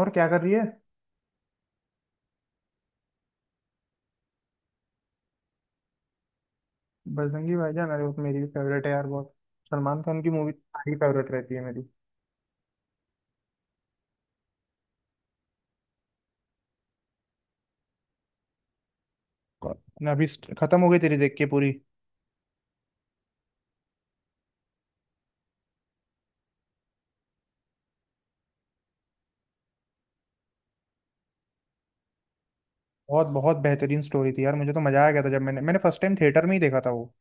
और क्या कर रही है। बजरंगी भाईजान, अरे वो तो मेरी भी फेवरेट है यार, बहुत। सलमान खान की मूवी सारी फेवरेट रहती है मेरी। ना अभी खत्म हो गई तेरी देख के पूरी। बहुत बहुत बेहतरीन स्टोरी थी यार, मुझे तो मजा आ गया था जब मैंने मैंने फर्स्ट टाइम थिएटर में ही देखा था वो।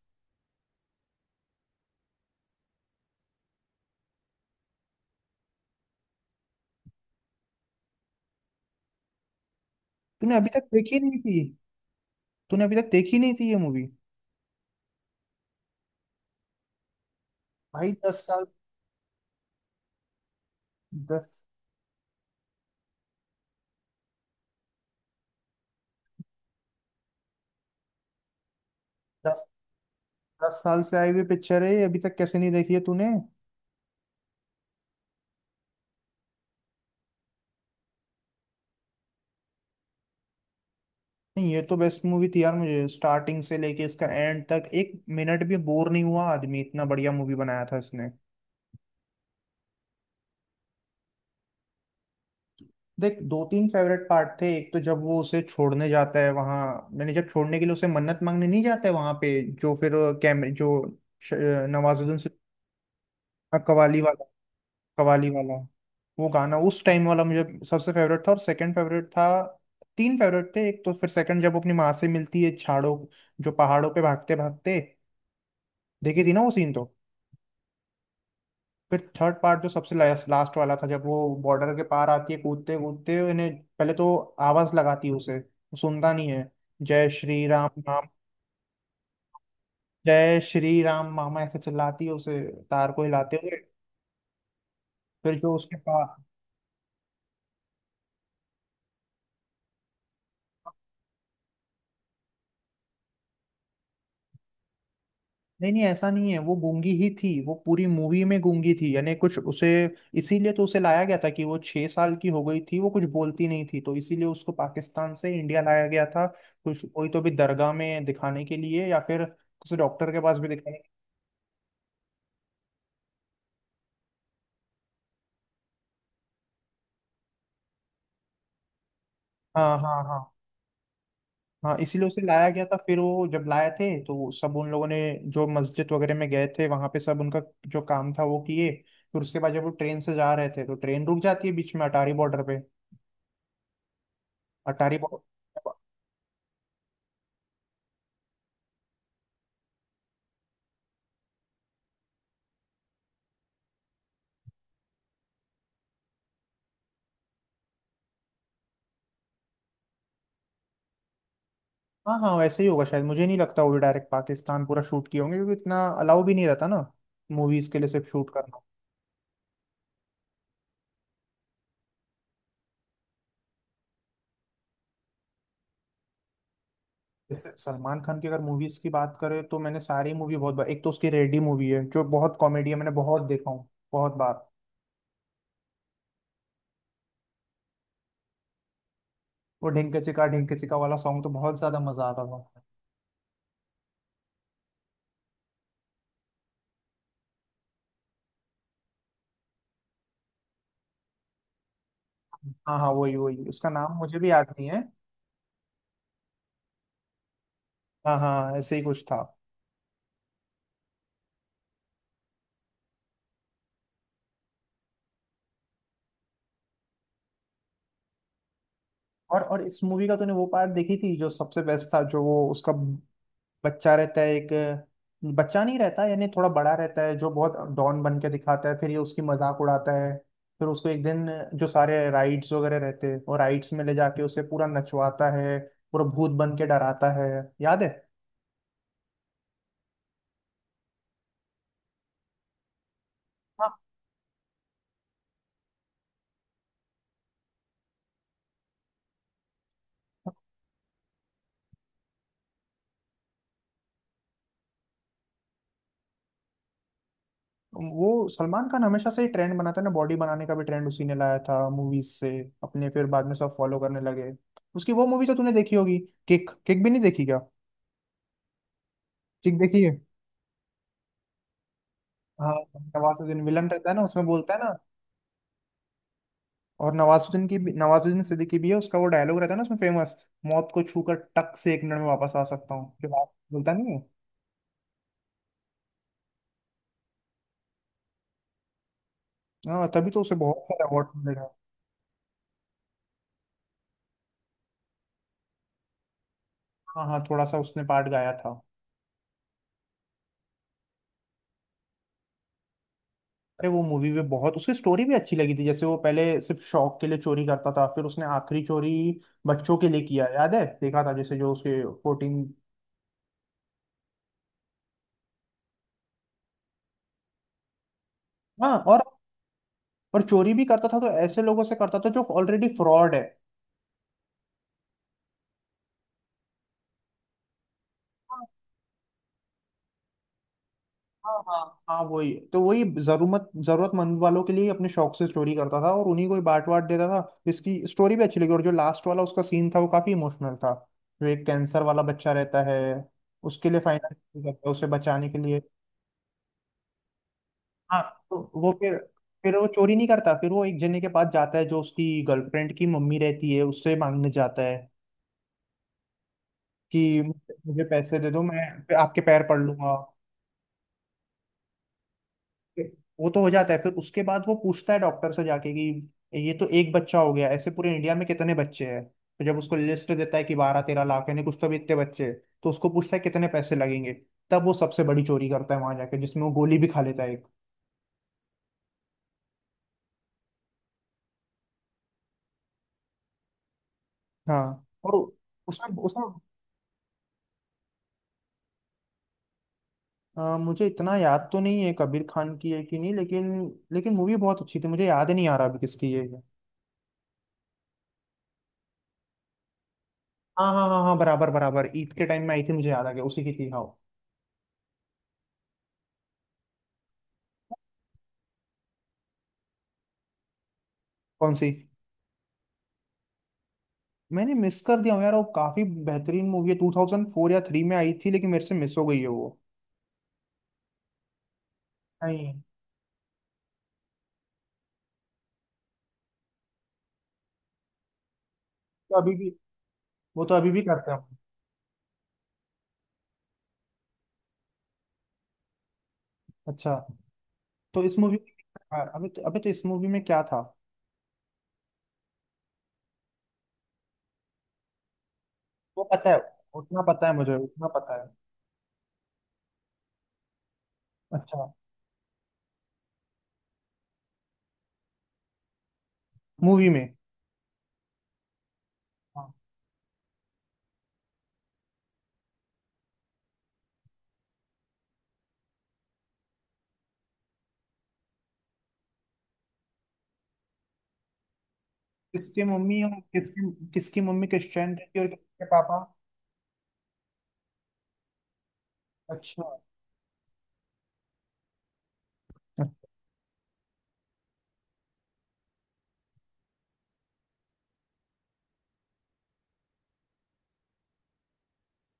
तूने अभी तक देखी नहीं थी? तूने अभी तक देखी नहीं थी ये मूवी? भाई 10 साल। दस दस दस साल से आई हुई पिक्चर है ये, अभी तक कैसे नहीं देखी है तूने? नहीं, ये तो बेस्ट मूवी थी यार, मुझे स्टार्टिंग से लेके इसका एंड तक एक मिनट भी बोर नहीं हुआ। आदमी इतना बढ़िया मूवी बनाया था इसने। देख, दो तीन फेवरेट पार्ट थे। एक तो जब वो उसे छोड़ने जाता है वहां मैंने, जब छोड़ने के लिए उसे मन्नत मांगने नहीं जाता है वहां पे, जो फिर कैमरे जो श- नवाजुद्दीन से, कवाली वाला कवाली वाला वो गाना उस टाइम वाला मुझे सबसे फेवरेट था। और सेकंड फेवरेट था, तीन फेवरेट थे। एक तो फिर सेकंड जब वो अपनी माँ से मिलती है छाड़ों, जो पहाड़ों पे भागते भागते, देखी थी ना वो सीन तो। फिर थर्ड पार्ट जो सबसे लास्ट वाला था, जब वो बॉर्डर के पार आती है कूदते कूदते इन्हें। पहले तो आवाज लगाती है, उसे वो सुनता नहीं है। जय श्री राम नाम, जय श्री राम मामा ऐसे चिल्लाती है उसे, तार को हिलाते हुए, फिर जो उसके पास। नहीं नहीं, ऐसा नहीं है, वो गूंगी ही थी, वो पूरी मूवी में गूंगी थी यानी कुछ उसे, इसीलिए तो उसे लाया गया था कि वो 6 साल की हो गई थी, वो कुछ बोलती नहीं थी, तो इसीलिए उसको पाकिस्तान से इंडिया लाया गया था। कुछ कोई तो भी दरगाह में दिखाने के लिए या फिर किसी डॉक्टर के पास भी दिखाने। हाँ हाँ हाँ। हाँ, इसीलिए उसे लाया गया था। फिर वो जब लाए थे तो सब उन लोगों ने, जो मस्जिद वगैरह में गए थे, वहां पे सब उनका जो काम था वो किए। फिर उसके बाद जब वो ट्रेन से जा रहे थे तो ट्रेन रुक जाती है बीच में अटारी बॉर्डर पे, अटारी बॉर्डर। हाँ हाँ, वैसे ही होगा शायद। मुझे नहीं लगता वो भी डायरेक्ट पाकिस्तान पूरा शूट किए होंगे, क्योंकि इतना अलाउ भी नहीं रहता ना मूवीज के लिए सिर्फ शूट करना। जैसे सलमान खान की अगर मूवीज की बात करें तो मैंने सारी मूवी बहुत बार, एक तो उसकी रेडी मूवी है जो बहुत कॉमेडी है, मैंने बहुत देखा हूँ, बहुत बार। वो ढिंक चिका वाला सॉन्ग तो बहुत ज्यादा मजा आता था। हाँ हाँ, वही वही, उसका नाम मुझे भी याद नहीं है। हाँ हाँ, ऐसे ही कुछ था। और इस मूवी का तूने वो पार्ट देखी थी जो सबसे बेस्ट था, जो वो उसका बच्चा रहता है एक, बच्चा नहीं रहता यानी थोड़ा बड़ा रहता है, जो बहुत डॉन बन के दिखाता है, फिर ये उसकी मजाक उड़ाता है, फिर उसको एक दिन जो सारे राइड्स वगैरह रहते हैं, वो राइड्स में ले जाके उसे पूरा नचवाता है, पूरा भूत बन के डराता है, याद है? हाँ, वो सलमान खान हमेशा से ही ट्रेंड बनाता है ना, बॉडी बनाने का भी ट्रेंड उसी ने लाया था मूवीज से अपने, फिर बाद में सब फॉलो करने लगे। उसकी वो मूवी तो तूने देखी होगी, किक? किक भी नहीं देखी क्या? किक देखी है। हाँ, नवाजुद्दीन विलन रहता है ना उसमें, बोलता है ना। और नवाजुद्दीन सिद्दीकी भी है, उसका वो डायलॉग रहता है ना उसमें फेमस, मौत को छूकर टक से एक मिनट में वापस आ सकता हूँ, जो बात बोलता नहीं है। हाँ, तभी तो उसे बहुत सारा अवार्ड मिलेगा। हाँ हाँ, थोड़ा सा उसने पार्ट गाया था। अरे, वो मूवी भी बहुत उसकी, स्टोरी भी अच्छी लगी थी। जैसे वो पहले सिर्फ शौक के लिए चोरी करता था, फिर उसने आखिरी चोरी बच्चों के लिए किया, याद है देखा था, जैसे जो उसके 14। हाँ, और चोरी भी करता था तो ऐसे लोगों से करता था जो ऑलरेडी फ्रॉड है। हाँ हाँ हाँ। हाँ, वही तो, वही जरूरतमंद वालों के लिए अपने शौक से चोरी करता था और उन्हीं को ही बांट बांट देता था। इसकी स्टोरी भी अच्छी लगी, और जो लास्ट वाला उसका सीन था वो काफी इमोशनल था, जो एक कैंसर वाला बच्चा रहता है, उसके लिए फाइनल करता है उसे बचाने के लिए। हाँ, तो वो फिर वो चोरी नहीं करता, फिर वो एक जने के पास जाता है जो उसकी गर्लफ्रेंड की मम्मी रहती है, उससे मांगने जाता है कि मुझे पैसे दे दो, मैं फिर आपके पैर पड़ लूंगा। फिर वो तो हो जाता है, फिर उसके बाद वो पूछता है डॉक्टर से जाके कि ये तो एक बच्चा हो गया, ऐसे पूरे इंडिया में कितने बच्चे हैं, तो जब उसको लिस्ट देता है कि 12-13 लाख यानी कुछ तो भी इतने बच्चे हैं, तो उसको पूछता है कितने पैसे लगेंगे। तब वो सबसे बड़ी चोरी करता है वहां जाके, जिसमें वो गोली भी खा लेता है एक। हाँ, और उसमें उसमें मुझे इतना याद तो नहीं है कबीर खान की है कि नहीं, लेकिन लेकिन मूवी बहुत अच्छी थी, मुझे याद ही नहीं आ रहा अभी किसकी है ये। है। हाँ हाँ हाँ हाँ, बराबर बराबर, ईद के टाइम में आई थी, मुझे याद आ गया उसी की थी, हाँ। कौन सी? मैंने मिस कर दिया हूँ यार, वो काफी बेहतरीन मूवी है, 2004 या थ्री में आई थी, लेकिन मेरे से मिस हो गई है वो। नहीं। तो अभी भी, वो तो अभी भी करते हैं। अच्छा, तो इस मूवी, अभी तो इस मूवी में क्या था? वो पता है, उतना पता है, मुझे उतना पता है। अच्छा, मूवी में? किसकी मम्मी और किसकी किसकी मम्मी क्रिश्चियन थी और किसके पापा? अच्छा,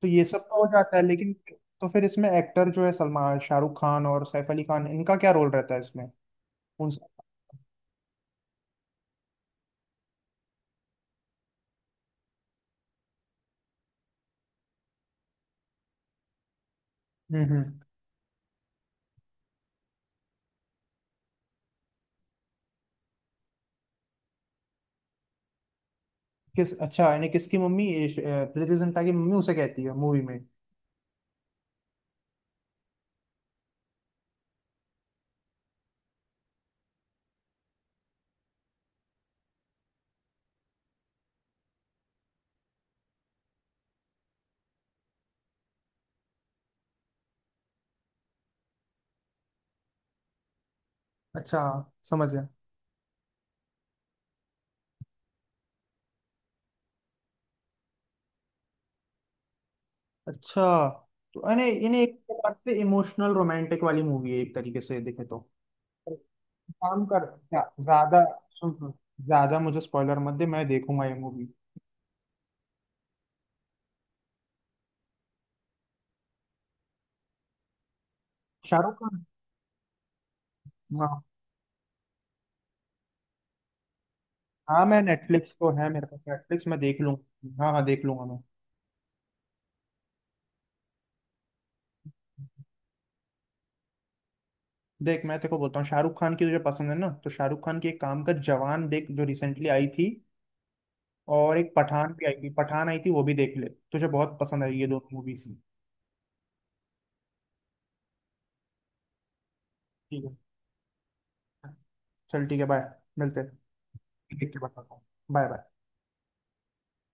तो ये सब तो हो जाता है, लेकिन तो फिर इसमें एक्टर जो है, सलमान शाहरुख खान और सैफ अली खान, इनका क्या रोल रहता है इसमें, उन सब? हम्म हम्म। किस? अच्छा, यानी किसकी मम्मी, ये प्रीति जिंटा की मम्मी उसे कहती है मूवी में। अच्छा, समझ गया। अच्छा, तो यानी यानी एक प्रकार से इमोशनल रोमांटिक वाली मूवी है एक तरीके से देखे तो। काम कर, ज्यादा, सुन सुन, ज्यादा मुझे स्पॉइलर मत दे, मैं देखूंगा ये मूवी। शाहरुख खान। हाँ हाँ, मैं नेटफ्लिक्स तो है मेरे पास, नेटफ्लिक्स मैं देख लूंगा, हाँ हाँ, देख लूंगा मैं। देख, मैं तेरे को बोलता हूँ, शाहरुख खान की तुझे पसंद है ना, तो शाहरुख खान की एक काम कर, जवान देख जो रिसेंटली आई थी, और एक पठान भी आई थी, पठान आई थी वो भी देख ले, तुझे बहुत पसंद आई ये दोनों मूवीज। ठीक है, चल ठीक है, बाय, मिलते हैं। देख के बताता हूँ। Bye bye.